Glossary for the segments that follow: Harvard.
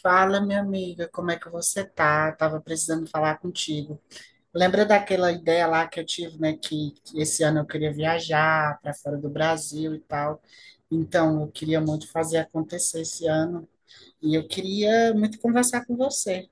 Fala, minha amiga, como é que você tá? Tava precisando falar contigo. Lembra daquela ideia lá que eu tive, né, que esse ano eu queria viajar para fora do Brasil e tal. Então, eu queria muito fazer acontecer esse ano e eu queria muito conversar com você.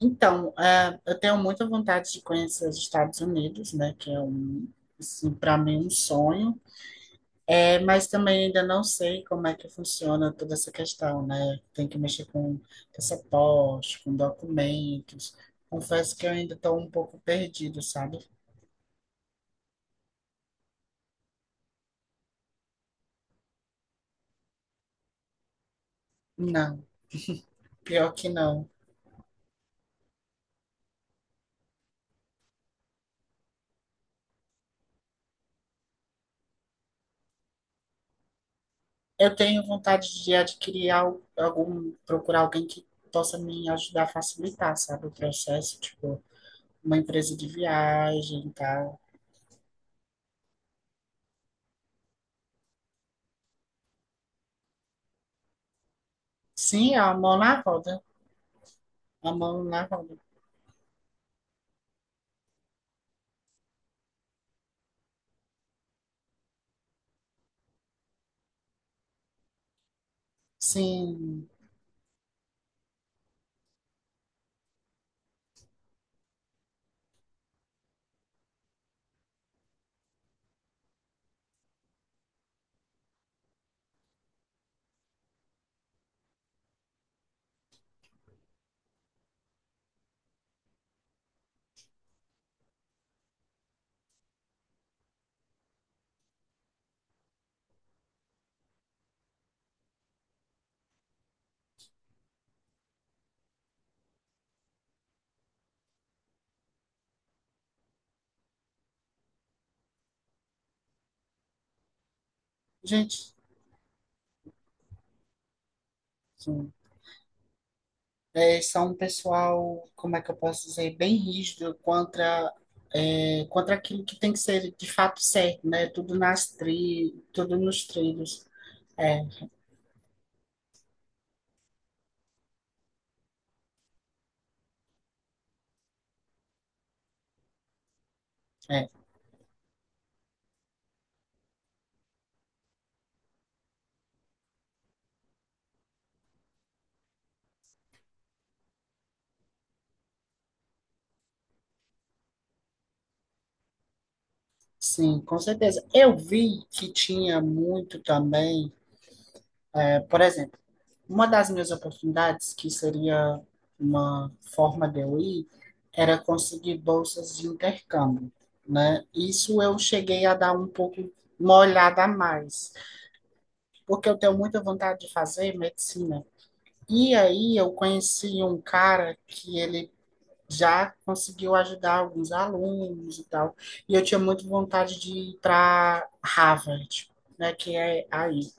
Então, eu tenho muita vontade de conhecer os Estados Unidos, né, que é um, assim, para mim um sonho. É, mas também ainda não sei como é que funciona toda essa questão, né? Tem que mexer com passaporte, com documentos. Confesso que eu ainda estou um pouco perdido, sabe? Não, pior que não. Eu tenho vontade de adquirir algum, procurar alguém que possa me ajudar a facilitar, sabe, o processo, tipo, uma empresa de viagem e tal. Sim, a mão na roda, a mão na roda. Sim, gente, sim. É, são um pessoal, como é que eu posso dizer, bem rígido contra aquilo que tem que ser de fato certo, né? Tudo nos trilhos. É, é, sim, com certeza. Eu vi que tinha muito também, é, por exemplo, uma das minhas oportunidades, que seria uma forma de eu ir, era conseguir bolsas de intercâmbio, né? Isso eu cheguei a dar um pouco uma olhada a mais, porque eu tenho muita vontade de fazer medicina. E aí eu conheci um cara que ele já conseguiu ajudar alguns alunos e tal. E eu tinha muita vontade de ir para Harvard, né, que é aí.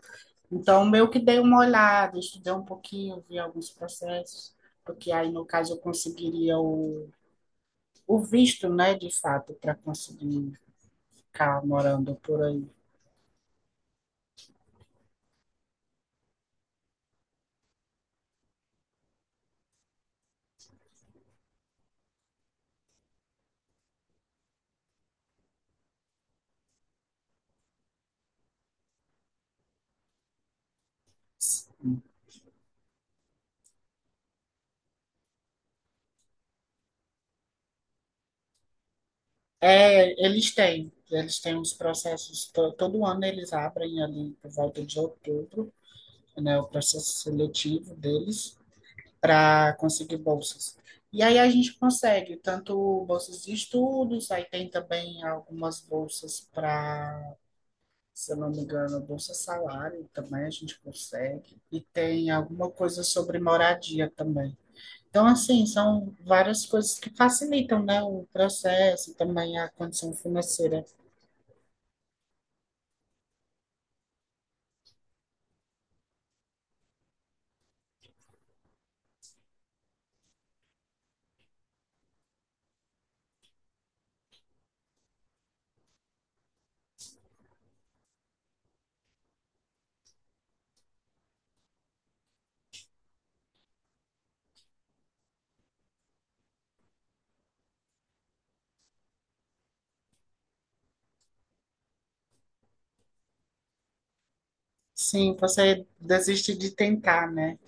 Então, meio que dei uma olhada, estudei um pouquinho, vi alguns processos, porque aí, no caso, eu conseguiria o visto, né, de fato, para conseguir ficar morando por aí. É, eles têm. Eles têm os processos, todo ano eles abrem ali por volta de outubro, né, o processo seletivo deles, para conseguir bolsas. E aí a gente consegue tanto bolsas de estudos, aí tem também algumas bolsas para, se eu não me engano, bolsa salário também a gente consegue. E tem alguma coisa sobre moradia também. Então, assim, são várias coisas que facilitam, né, o processo e também a condição financeira. Sim, você desiste de tentar, né?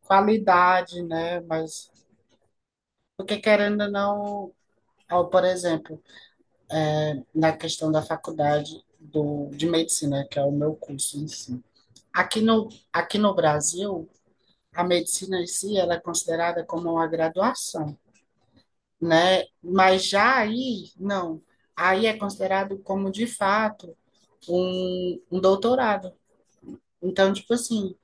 Qualidade, né? Mas porque querendo ou não, ó, por exemplo, na questão da faculdade do, de medicina, que é o meu curso em si. Aqui no Brasil, a medicina em si ela é considerada como uma graduação, né? Mas já aí, não. Aí é considerado como, de fato, um doutorado. Então, tipo assim,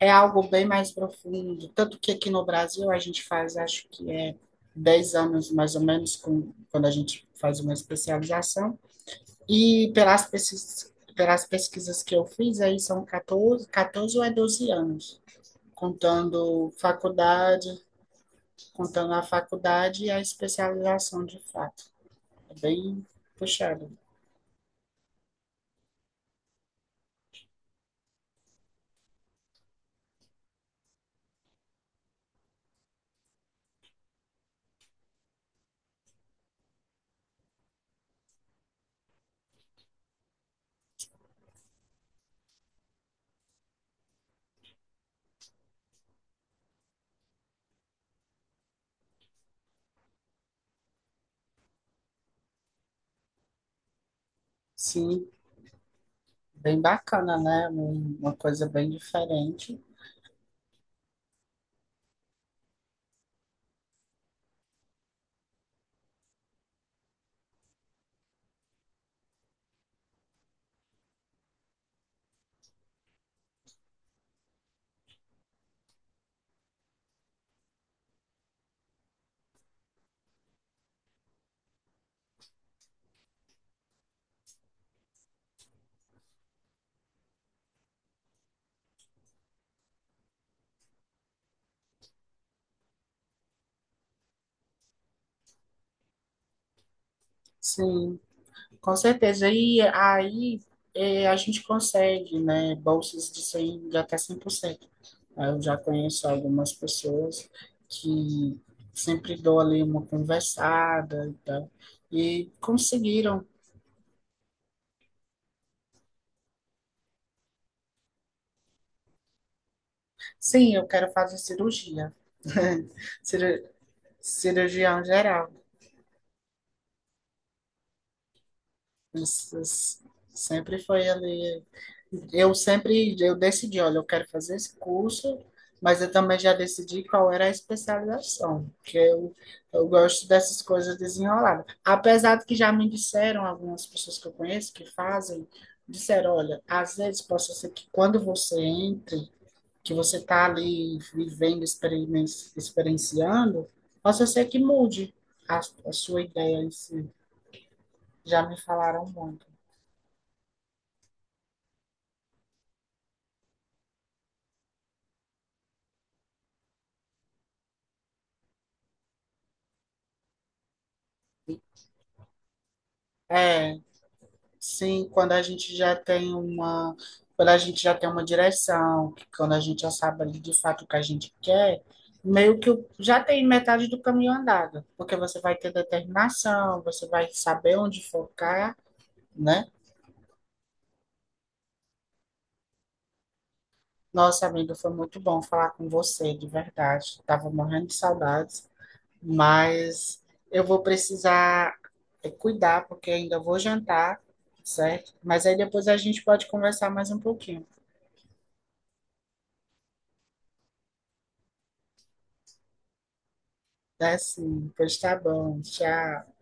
é algo bem mais profundo. Tanto que aqui no Brasil a gente faz, acho que é 10 anos mais ou menos, com, quando a gente faz uma especialização. E pelas pesquisas que eu fiz, aí são catorze ou é 12 anos, contando faculdade, contando a faculdade e a especialização de fato. É bem puxado. Sim, bem bacana, né? Uma coisa bem diferente. Sim, com certeza. E aí a gente consegue, né, bolsas de até 100%. Aí eu já conheço algumas pessoas que sempre dou ali uma conversada e tal, e conseguiram. Sim, eu quero fazer cirurgia. Ciru- Cirurgião geral. Essas- Sempre foi ali. Eu sempre eu decidi, olha, eu quero fazer esse curso, mas eu também já decidi qual era a especialização, porque eu gosto dessas coisas desenroladas. Apesar de que já me disseram algumas pessoas que eu conheço que fazem, disseram, olha, às vezes possa ser que quando você entre, que você está ali vivendo, experienciando, possa ser que mude a, a, sua ideia em si. Já me falaram muito. É, sim, quando a gente já tem uma, quando a gente já tem uma direção, quando a gente já sabe ali de fato o que a gente quer, já tem metade do caminho andado, porque você vai ter determinação, você vai saber onde focar, né? Nossa, amiga, foi muito bom falar com você, de verdade. Tava morrendo de saudades, mas eu vou precisar cuidar, porque ainda vou jantar, certo? Mas aí depois a gente pode conversar mais um pouquinho. Tá sim, pois tá bom. Tchau.